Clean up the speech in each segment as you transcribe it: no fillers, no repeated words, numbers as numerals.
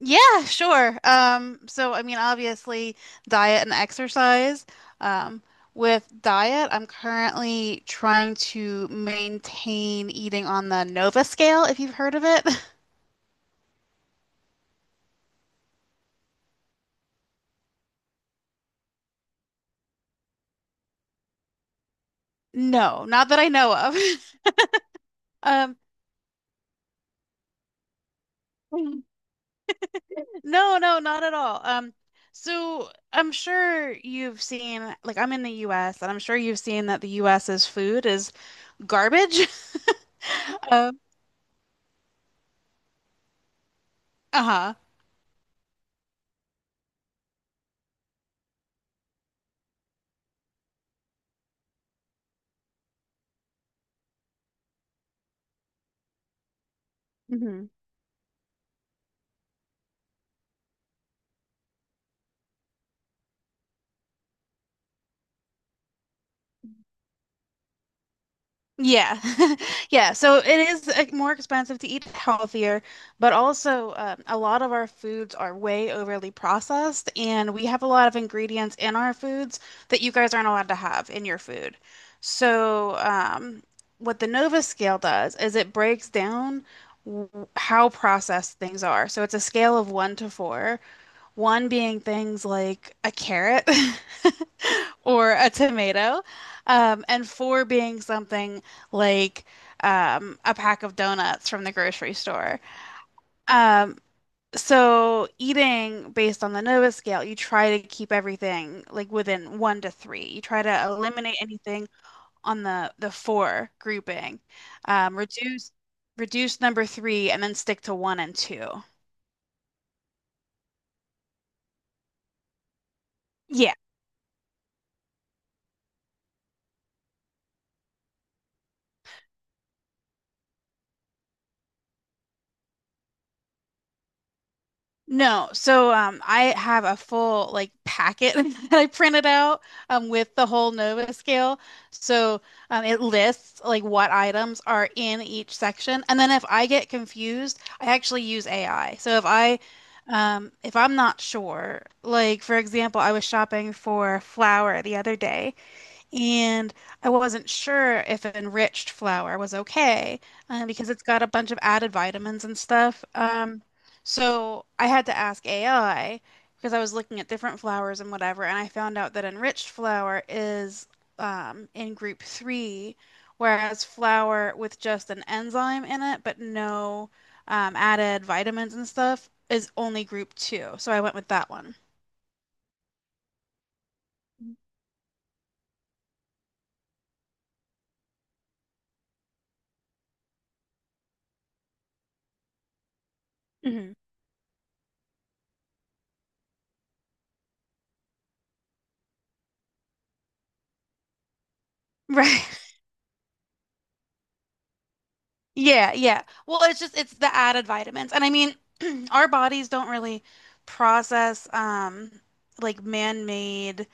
Yeah, sure. So I mean, obviously, diet and exercise. Um, with diet, I'm currently trying to maintain eating on the Nova scale, if you've heard of it. No, not that I know of. Um, no, no, not at all. So I'm sure you've seen, like, I'm in the US, and I'm sure you've seen that the US's food is garbage. Um, uh-huh. Yeah. Yeah. So it is more expensive to eat healthier, but also a lot of our foods are way overly processed, and we have a lot of ingredients in our foods that you guys aren't allowed to have in your food. So what the Nova scale does is it breaks down w- how processed things are. So it's a scale of one to four, one being things like a carrot. Or a tomato, and four being something like a pack of donuts from the grocery store. Um, so eating based on the Nova scale, you try to keep everything like within one to three. You try to eliminate anything on the four grouping, um, reduce reduce number three, and then stick to one and two. Yeah. No, I have a full like packet that I printed out with the whole Nova scale. So it lists like what items are in each section, and then if I get confused, I actually use AI. So if I if I'm not sure, like for example, I was shopping for flour the other day, and I wasn't sure if enriched flour was okay because it's got a bunch of added vitamins and stuff. So I had to ask AI because I was looking at different flours and whatever, and I found out that enriched flour is in group three, whereas flour with just an enzyme in it but no added vitamins and stuff is only group two. So I went with that one. Hmm. Right. Yeah, yeah. Well, it's the added vitamins. And I mean, our bodies don't really process like man-made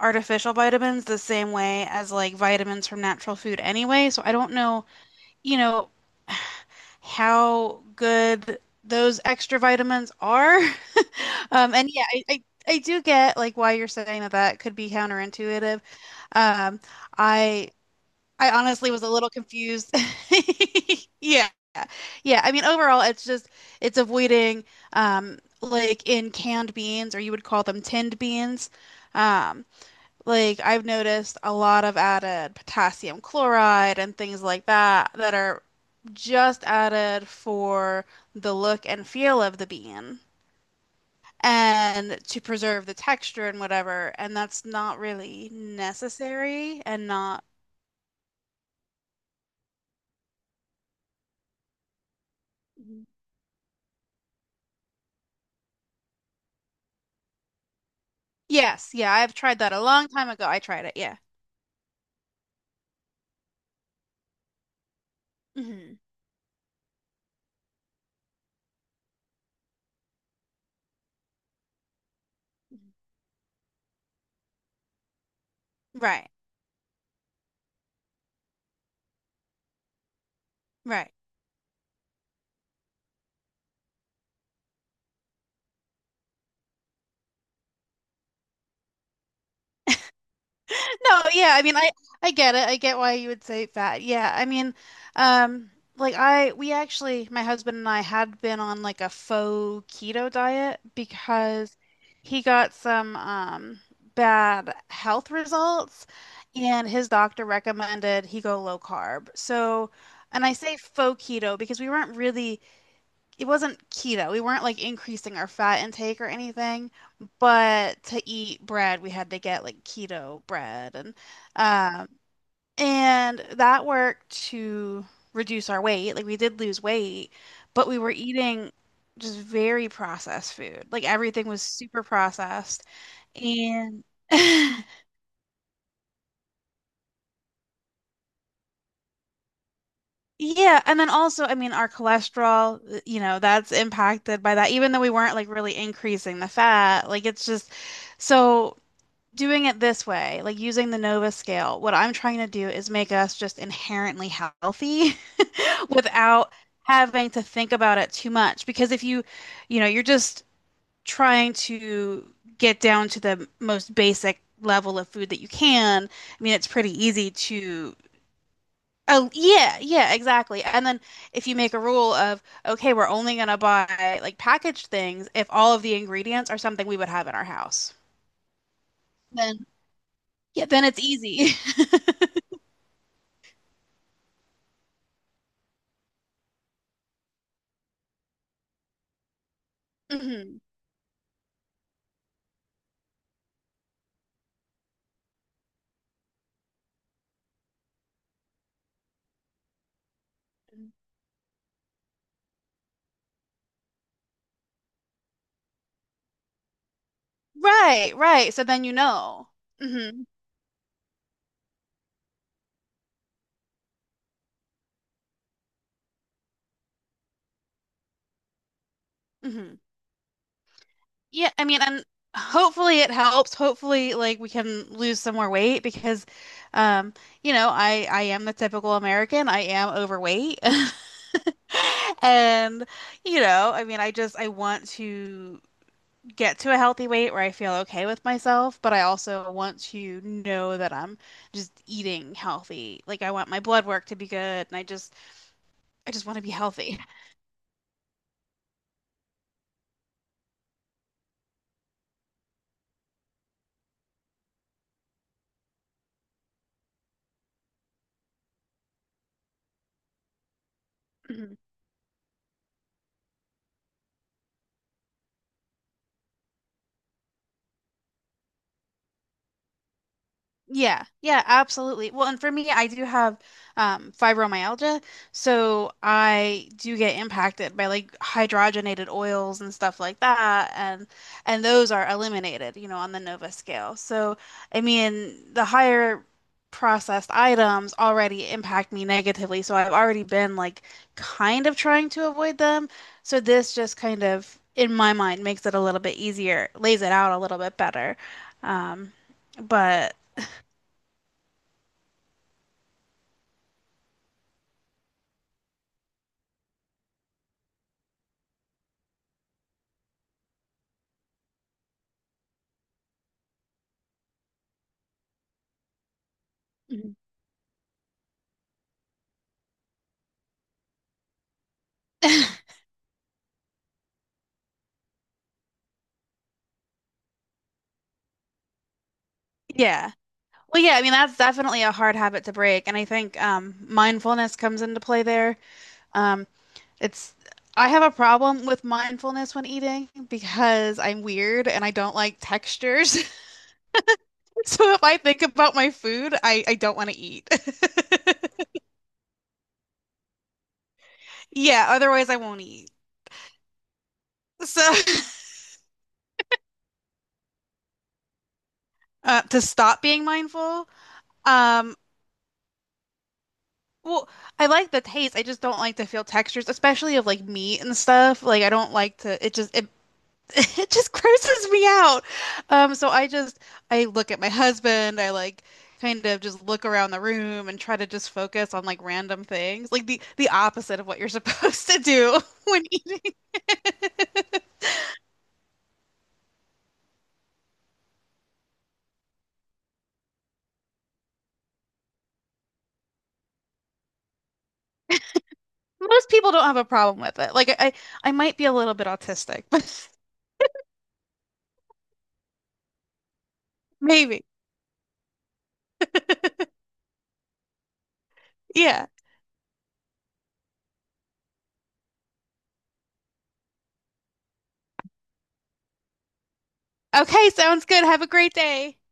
artificial vitamins the same way as like vitamins from natural food anyway. So I don't know, you know, how good those extra vitamins are. And yeah, I do get like why you're saying that that could be counterintuitive. Um I I honestly was a little confused. Yeah. Yeah, I mean overall it's avoiding like in canned beans, or you would call them tinned beans. Um like I've noticed a lot of added potassium chloride and things like that that are just added for the look and feel of the bean and to preserve the texture and whatever, and that's not really necessary and not. Mhm. Yes, yeah, I've tried that a long time ago. I tried it, yeah. Hmm. Mhm. Right. Right. No, yeah, I mean I get it. I get why you would say fat. Yeah, I mean like I we actually my husband and I had been on like a faux keto diet because he got some bad health results, and his doctor recommended he go low carb. So, and I say faux keto because we weren't really it wasn't keto. We weren't like increasing our fat intake or anything, but to eat bread, we had to get like keto bread um and that worked to reduce our weight. Like we did lose weight, but we were eating just very processed food. Like everything was super processed and yeah, and then also, I mean, our cholesterol, that's impacted by that, even though we weren't like really increasing the fat. Like, it's just so doing it this way, like using the Nova scale, what I'm trying to do is make us just inherently healthy without having to think about it too much. Because if you, you know, you're just trying to get down to the most basic level of food that you can, I mean, it's pretty easy to. Oh, yeah, yeah, exactly. And then if you make a rule of, okay, we're only going to buy like packaged things if all of the ingredients are something we would have in our house, then yeah, then it's easy. Hmm. Right, right. So then you know. Hmm. Hmm. Yeah, I mean, and hopefully it helps. Hopefully, like we can lose some more weight because, um, I am the typical American. I am overweight. And, I mean, I want to get to a healthy weight where I feel okay with myself, but I also want to know that I'm just eating healthy. Like I want my blood work to be good, and I just want to be healthy. Yeah, yeah, absolutely. Well, and for me, I do have fibromyalgia, so I do get impacted by like hydrogenated oils and stuff like that, and those are eliminated, on the Nova scale. So, I mean, the higher processed items already impact me negatively, so I've already been like kind of trying to avoid them. So this just kind of, in my mind, makes it a little bit easier, lays it out a little bit better. Um, but Mhm. Yeah. Well, yeah, I mean that's definitely a hard habit to break, and I think mindfulness comes into play there. Um, it's I have a problem with mindfulness when eating because I'm weird and I don't like textures. So if I think about my food, I don't want to eat. Yeah, otherwise I won't eat. So to stop being mindful, um, well, I like the taste. I just don't like to feel textures, especially of like meat and stuff. Like I don't like to. It just it It just grosses me out. Um, so I just I look at my husband, I like kind of just look around the room and try to just focus on like random things. Like the opposite of what you're supposed to do when you, most people don't have a problem with it. Like I might be a little bit autistic, but maybe. Yeah. Okay, sounds good. Have a great day.